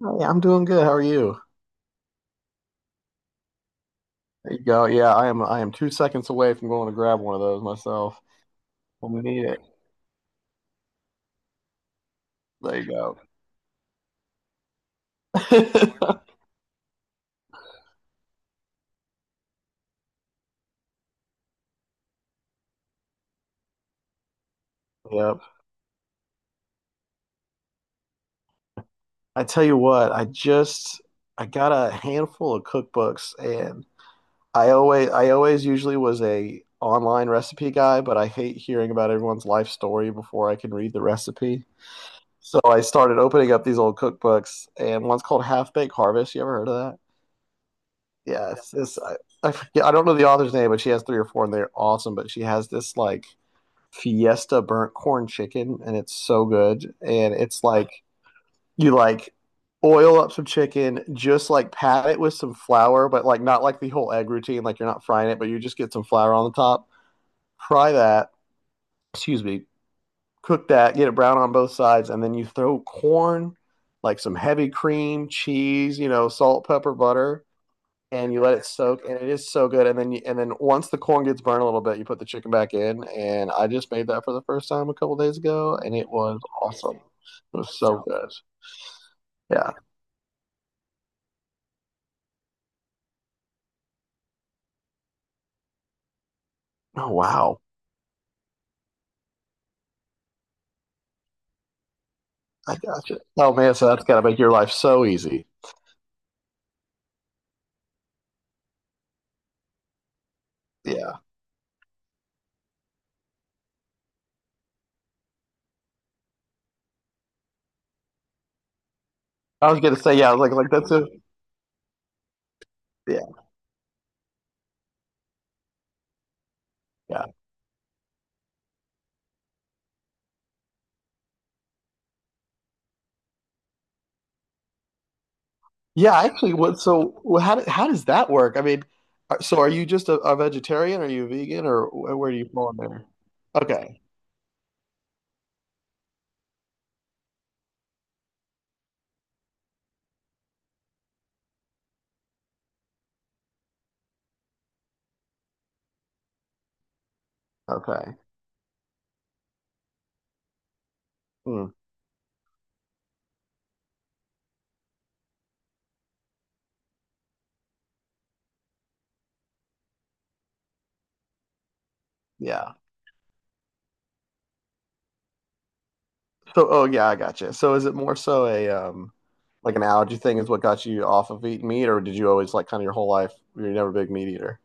Hey, I'm doing good. How are you? There you go. Yeah, I am 2 seconds away from going to grab one of those myself when we need it. There you go. Yep. I tell you what, I got a handful of cookbooks, and I always usually was a online recipe guy, but I hate hearing about everyone's life story before I can read the recipe. So I started opening up these old cookbooks, and one's called Half Baked Harvest. You ever heard of that? Yeah, it's this. I forget. I don't know the author's name, but she has three or four, and they're awesome. But she has this, like, Fiesta burnt corn chicken, and it's so good. And it's like you, like, oil up some chicken, just like pat it with some flour, but like not like the whole egg routine. Like, you're not frying it, but you just get some flour on the top. Fry that. Excuse me. Cook that. Get it brown on both sides, and then you throw corn, like some heavy cream, cheese, you know, salt, pepper, butter, and you let it soak, and it is so good. And then once the corn gets burned a little bit, you put the chicken back in, and I just made that for the first time a couple days ago, and it was awesome. It was so good. Yeah. Oh wow, I got you. Oh man, so that's gotta make your life so easy. Yeah, I was gonna say yeah. I was like that's a yeah, yeah, yeah. Actually, what so wh- how do- how does that work? I mean, so are you just a vegetarian? Are you vegan, or where do you fall in there? Okay, okay. Mm, yeah. So, oh yeah, I gotcha. So, is it more so a like an allergy thing is what got you off of eating meat, or did you always like kind of your whole life you're never a big meat eater?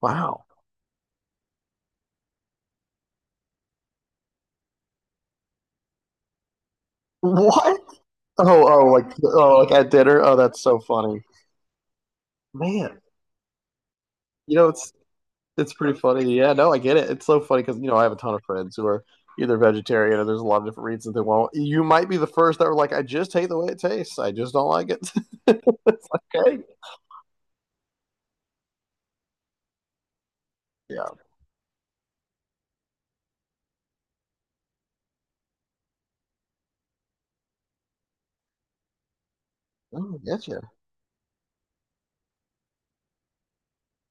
Wow. What? Oh, like, oh, like at dinner. Oh, that's so funny, man. You know, it's pretty funny. Yeah, no, I get it. It's so funny because you know I have a ton of friends who are either vegetarian or there's a lot of different reasons they won't. You might be the first that were like, I just hate the way it tastes. I just don't like it. It's like, okay, yeah. Oh, I get you.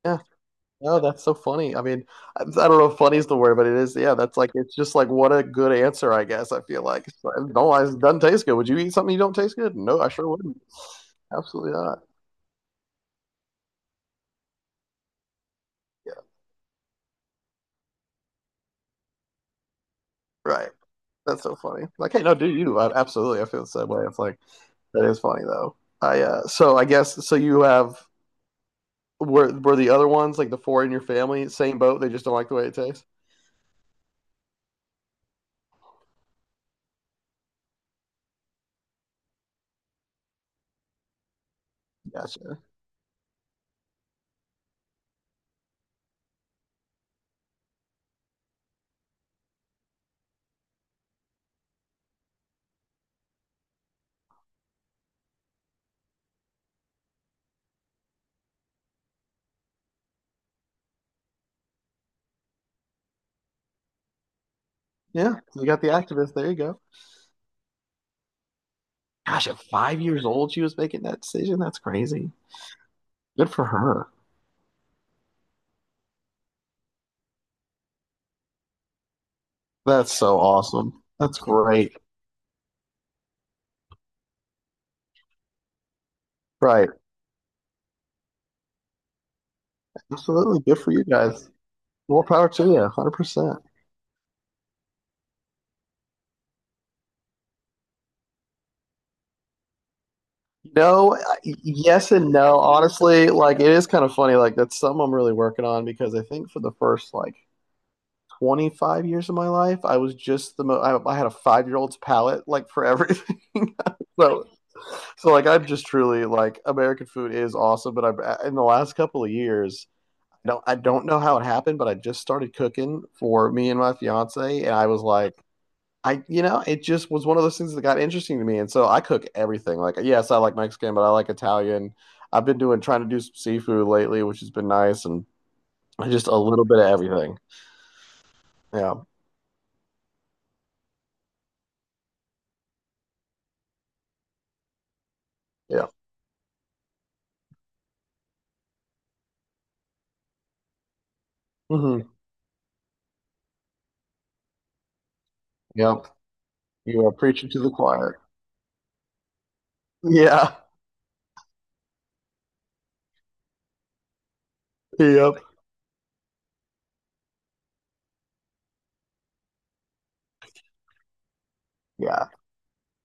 Yeah, no, that's so funny. I mean, I don't know if funny is the word, but it is. Yeah, that's like it's just like what a good answer, I guess. I feel like, it's like, no, it doesn't taste good. Would you eat something you don't taste good? No, I sure wouldn't. Absolutely not. Yeah, right. That's so funny. Like, hey, no, do you? I, absolutely, I feel the same way. It's like that is funny though. I so I guess so. You have were the other ones like the four in your family same boat? They just don't like the way it tastes. Gotcha. Yeah, you got the activist. There you go. Gosh, at 5 years old, she was making that decision. That's crazy. Good for her. That's so awesome. That's great. Right. Absolutely. Good for you guys. More power to you. 100%. No, yes and no. Honestly, like it is kind of funny. Like, that's something I'm really working on because I think for the first like 25 years of my life, I was just I had a 5 year old's palate, like, for everything. so, so, like, I'm just truly like American food is awesome, but I've in the last couple of years, I don't know how it happened, but I just started cooking for me and my fiance, and I was like, I, you know, it just was one of those things that got interesting to me, and so I cook everything. Like, yes, I like Mexican, but I like Italian. I've been doing trying to do some seafood lately, which has been nice, and just a little bit of everything. Yeah, yeah. Hmm. Yep. You are preaching to the choir. Yeah, yep, yeah.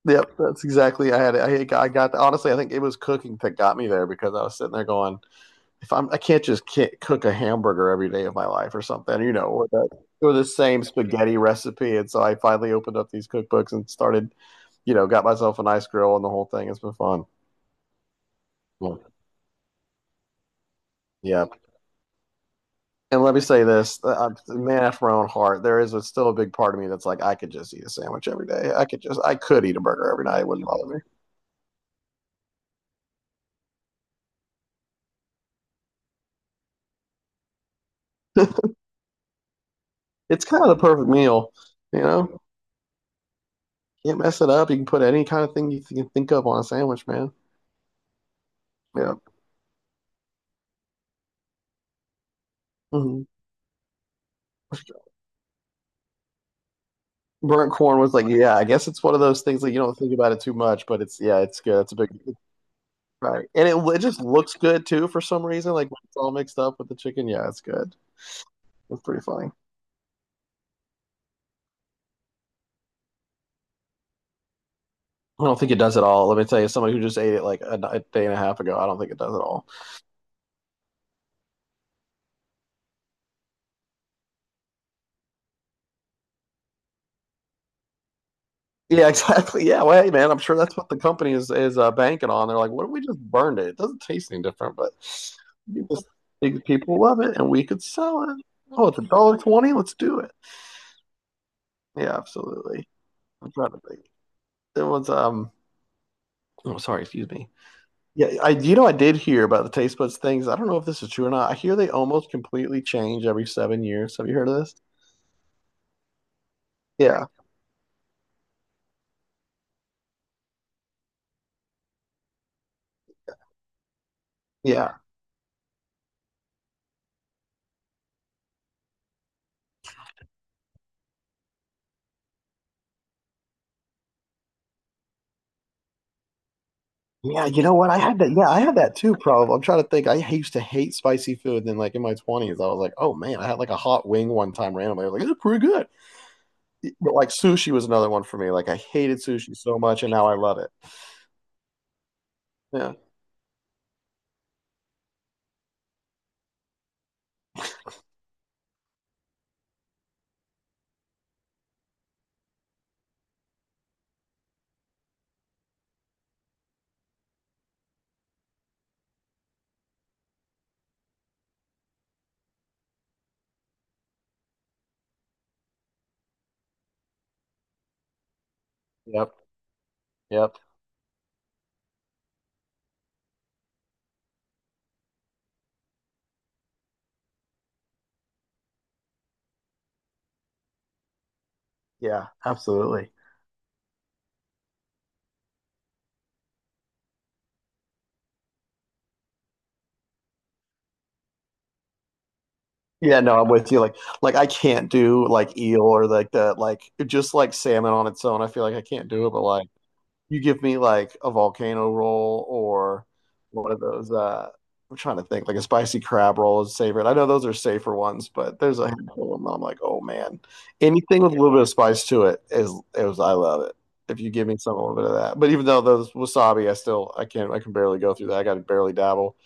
Yep, that's exactly. I had. I got. Honestly, I think it was cooking that got me there because I was sitting there going, if I'm, I can't just ki cook a hamburger every day of my life or something, you know, or the same spaghetti recipe. And so I finally opened up these cookbooks and started, you know, got myself a nice grill and the whole thing. It's been fun. Yeah. Yeah. And let me say this, man after my own heart, there is a, still a big part of me that's like, I could just eat a sandwich every day. I could just, I could eat a burger every night. It wouldn't bother me. It's kind of the perfect meal, you know, can't mess it up. You can put any kind of thing you can think of on a sandwich, man. Yeah. hmm Burnt corn was, like, yeah, I guess it's one of those things that you don't think about it too much, but it's yeah, it's good. It's a big Right, and it just looks good too for some reason. Like, when it's all mixed up with the chicken, yeah, it's good. It's pretty funny. I don't think it does at all. Let me tell you, somebody who just ate it like a day and a half ago, I don't think it does at all. Yeah, exactly. Yeah, well, hey man, I'm sure that's what the company is banking on. They're like, what if we just burned it? It doesn't taste any different, but we just think people love it and we could sell it. Oh, it's a dollar twenty. Let's do it. Yeah, absolutely. I'm trying to think. There was um Oh, sorry, excuse me. Yeah, I you know I did hear about the taste buds things. I don't know if this is true or not. I hear they almost completely change every 7 years. Have you heard of this? Yeah. Yeah. Yeah, you know what? I had that. Yeah, I had that too. Probably. I'm trying to think. I used to hate spicy food. And then, like, in my 20s, I was like, "Oh man!" I had like a hot wing one time randomly. I was like, "It's pretty good." But like sushi was another one for me. Like, I hated sushi so much, and now I love it. Yeah. Yep. Yep. Yeah. Absolutely. Yeah, no, I'm with you. Like, I can't do like eel, or like the like just like salmon on its own. I feel like I can't do it. But, like, you give me like a volcano roll or one of those. I'm trying to think. Like a spicy crab roll is favorite. I know those are safer ones, but there's a handful of them that I'm like, oh man, anything with a little bit of spice to it is I love it. If you give me some a little bit of that, but even though those wasabi, I still I can't I can barely go through that. I got to barely dabble.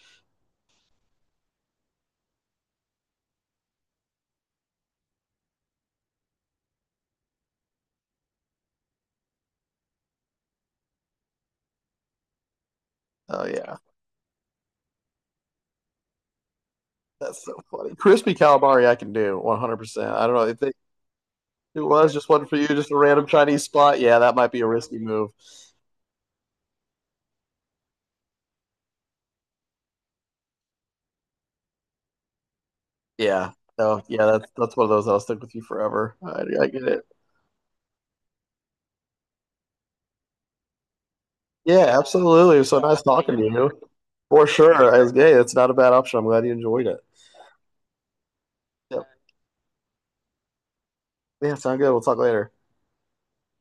Oh yeah. That's so funny. Crispy calamari, I can do 100%. I don't know if they, it was just one for you, just a random Chinese spot. Yeah, that might be a risky move. Yeah. Oh yeah, that's one of those that'll stick with you forever. I get it. Yeah, absolutely. It was so nice talking to you. For sure. As gay, it's not a bad option. I'm glad you enjoyed it. Yep. Yeah, sound good. We'll talk later.